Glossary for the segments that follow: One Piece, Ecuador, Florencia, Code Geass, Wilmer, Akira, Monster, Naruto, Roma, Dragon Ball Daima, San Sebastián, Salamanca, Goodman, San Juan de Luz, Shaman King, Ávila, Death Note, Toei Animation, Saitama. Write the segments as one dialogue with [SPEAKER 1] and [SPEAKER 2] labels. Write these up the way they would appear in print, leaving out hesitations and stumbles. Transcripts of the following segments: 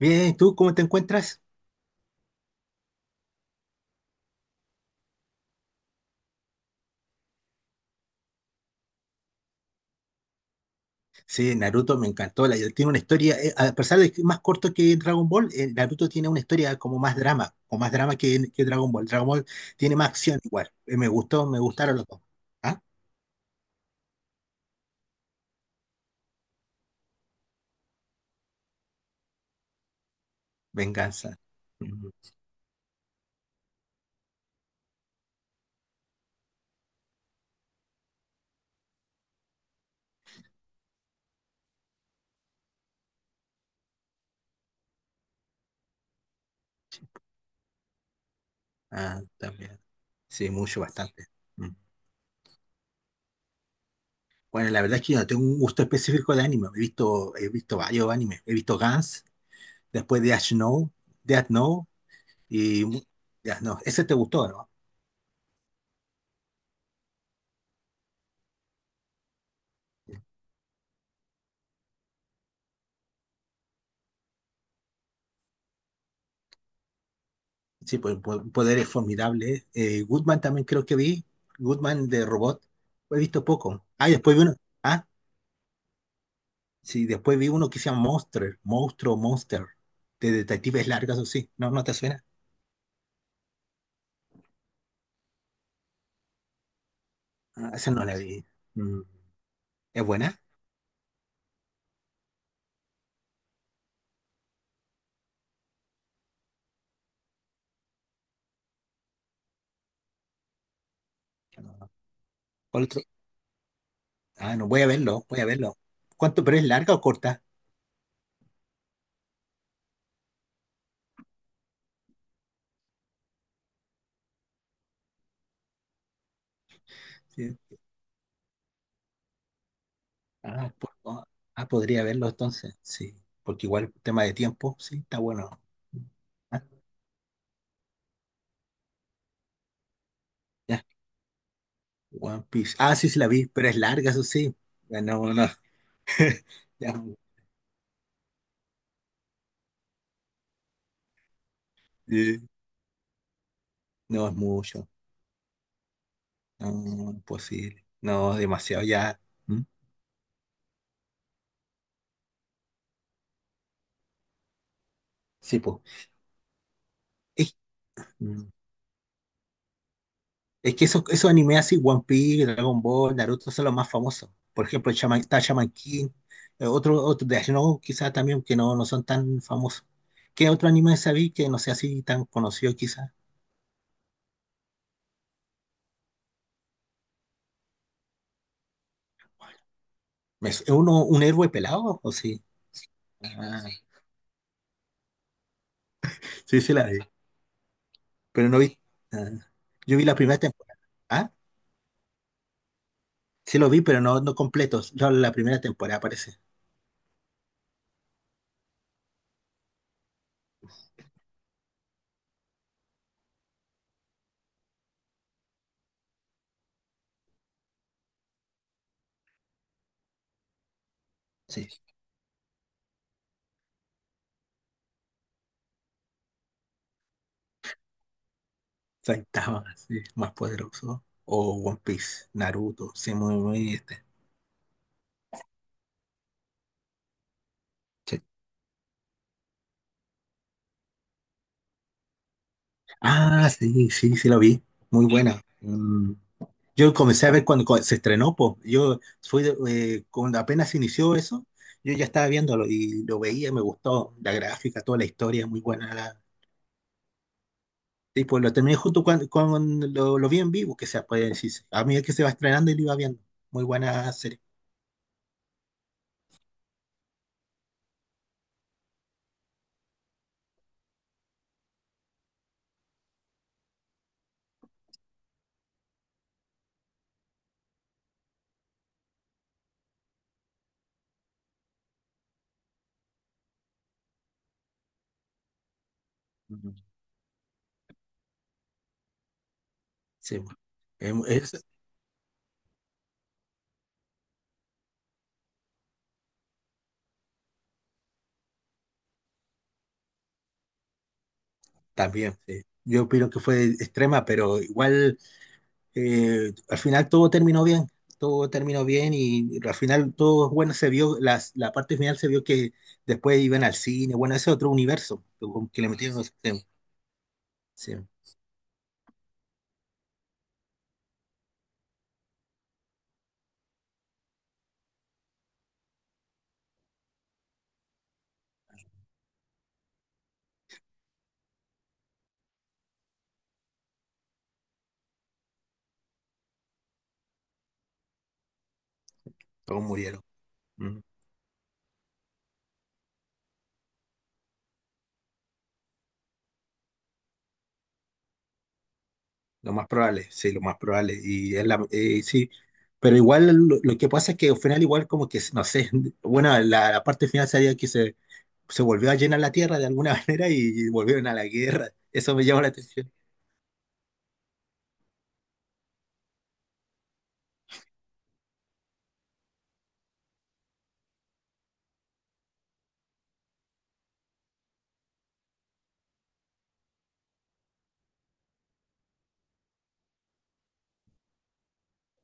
[SPEAKER 1] Bien, ¿tú cómo te encuentras? Sí, Naruto me encantó. Tiene una historia, a pesar de que es más corto que Dragon Ball. Naruto tiene una historia como más drama, o más drama que Dragon Ball. Dragon Ball tiene más acción igual. Me gustó, me gustaron los dos. ¿Ah? Venganza. Mm. Ah, también. Sí, mucho, bastante. Mm. Bueno, la verdad es que yo no tengo un gusto específico de anime. He visto varios animes. He visto Gans, después de Death Note, Death Note y mu- Death Note. Ese te gustó, ¿no? Sí, pues poderes formidables. Goodman también creo que vi. Goodman de robot. He visto poco. Ah, y después vi uno. Ah, sí, después vi uno que se llama Monster. Monstruo, Monster. De detectives largas o sí. No, no te suena. Ah, esa no la vi. Mm. ¿Es buena? No. ¿Cuál otro? Ah, no, voy a verlo, voy a verlo. ¿Cuánto? ¿Pero es larga o corta? Sí. Ah, podría verlo entonces. Sí, porque igual tema de tiempo, sí, está bueno. Ah, ya. One Piece. Ah, sí, sí la vi, pero es larga, eso sí. Ya. No, no, ya, eh, no es mucho. No, no es posible. No, es demasiado ya. ¿Mm? Sí, pues. Es, mm, es que esos, esos animes así, One Piece, Dragon Ball, Naruto, son los más famosos. Por ejemplo, Shaman, está Shaman King, otro, otro de no, quizás también, que no, no son tan famosos. ¿Qué otro anime sabí que no sea así tan conocido, quizás? ¿Es uno un héroe pelado? ¿O sí? Ah, sí, sí la vi. Pero no vi. Ah, yo vi la primera temporada. ¿Ah? Sí lo vi, pero no, no completos. Yo la primera temporada parece. Sí. Saitama, sí, más poderoso. O One Piece, Naruto, sí, muy, muy este. Sí. Ah, sí, sí, sí lo vi. Muy buena. Mm. Yo comencé a ver cuando, cuando se estrenó, po. Yo cuando apenas inició eso, yo ya estaba viéndolo y lo veía, me gustó la gráfica, toda la historia, muy buena. Sí, pues lo terminé lo vi en vivo, que sea, puede decirse. A medida que se va estrenando y lo iba viendo. Muy buena serie. Ujú. Sí, pues. Em, es- también, sí. Yo opino que fue extrema, pero igual al final todo terminó bien. Todo terminó bien y, al final todo bueno se vio, la parte final se vio que después iban al cine. Bueno, ese es otro universo como que le metieron los temas. Sí, todos murieron. Lo más probable, sí, lo más probable. Sí, pero igual lo que pasa es que al final igual como que, no sé, bueno, la parte final sería se volvió a llenar la tierra de alguna manera y volvieron a la guerra. Eso me llama la atención.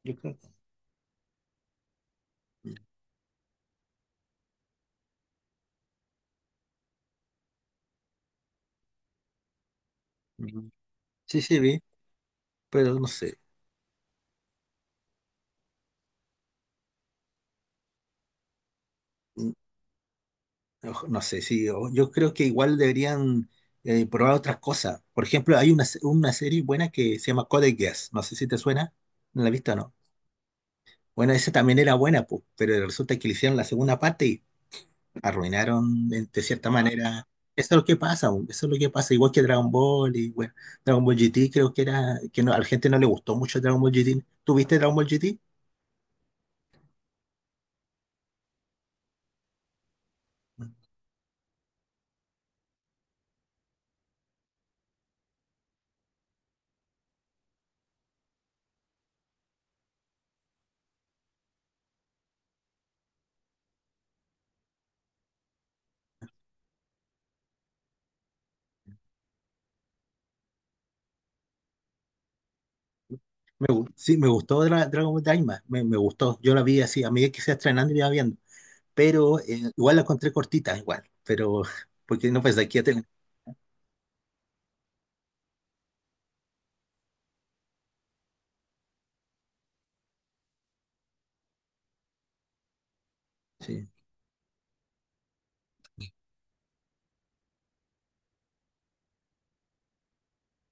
[SPEAKER 1] Yo creo. Mm. Sí, sí, vi, pero no sé. Mm, ojo, no sé, yo creo que igual deberían probar otras cosas. Por ejemplo, hay una, una serie buena que se llama Code Geass. No sé si te suena. ¿No la has visto o no? Bueno, esa también era buena, pues, pero resulta que le hicieron la segunda parte, arruinaron de cierta manera. Eso es lo que pasa, bu, eso es lo que pasa, igual que Dragon Ball y bueno, Dragon Ball GT creo que era, que no, a la gente no le gustó mucho Dragon Ball GT. ¿Tuviste Dragon Ball GT? Sí, me gustó Dragon Ball Daima, me gustó, yo la vi así, a medida que se iba estrenando iba viendo, pero igual la encontré cortita, igual, pero porque no pensé que iba a tener- sí,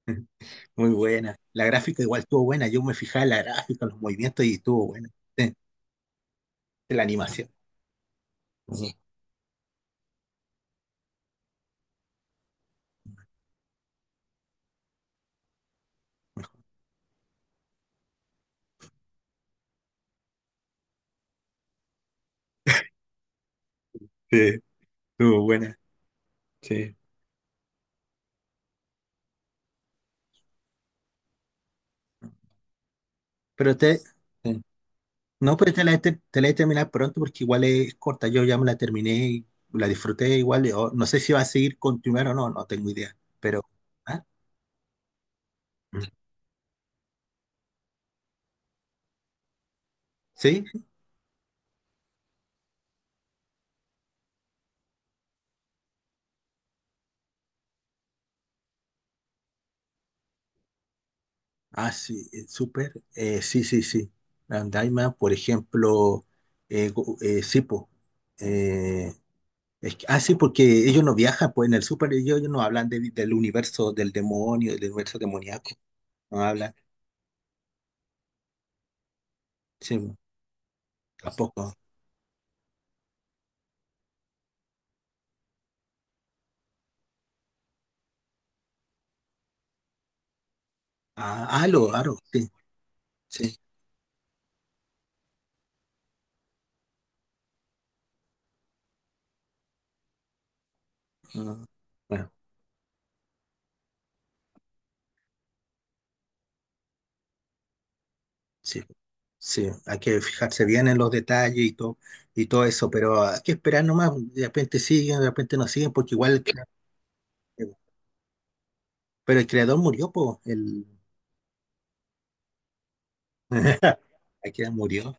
[SPEAKER 1] muy buena. La gráfica igual estuvo buena, yo me fijaba en la gráfica, los movimientos y estuvo buena, sí, la animación. Sí, sí, estuvo buena, sí. Pero te, sí. No, pero te la he terminado pronto porque igual es corta. Yo ya me la terminé y la disfruté igual. Yo no sé si va a seguir continuar o no, no tengo idea. Pero, ¿ah? ¿Sí? Ah, sí, súper. Sí, sí, sí. Andaima, por ejemplo, sí, po. Eh, es que- ah, sí, porque ellos no viajan, pues en el súper ellos no hablan del universo del demonio, del universo demoníaco. No hablan. Sí, po, tampoco. Ah, Aro, Aro, sí. Sí. Ah, bueno, sí, sí, hay que fijarse bien en los detalles y todo eso, pero hay que esperar nomás, de repente siguen, de repente no siguen, porque igual, el crea- pero el creador murió, pues, el, Akira murió,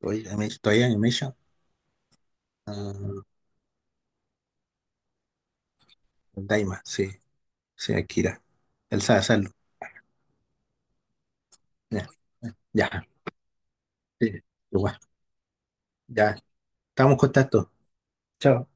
[SPEAKER 1] Toei Animation, ah, Daima, sí, sí, Akira, él sabe hacerlo, ya, ya, sí, igual, ya, estamos en contacto, chao.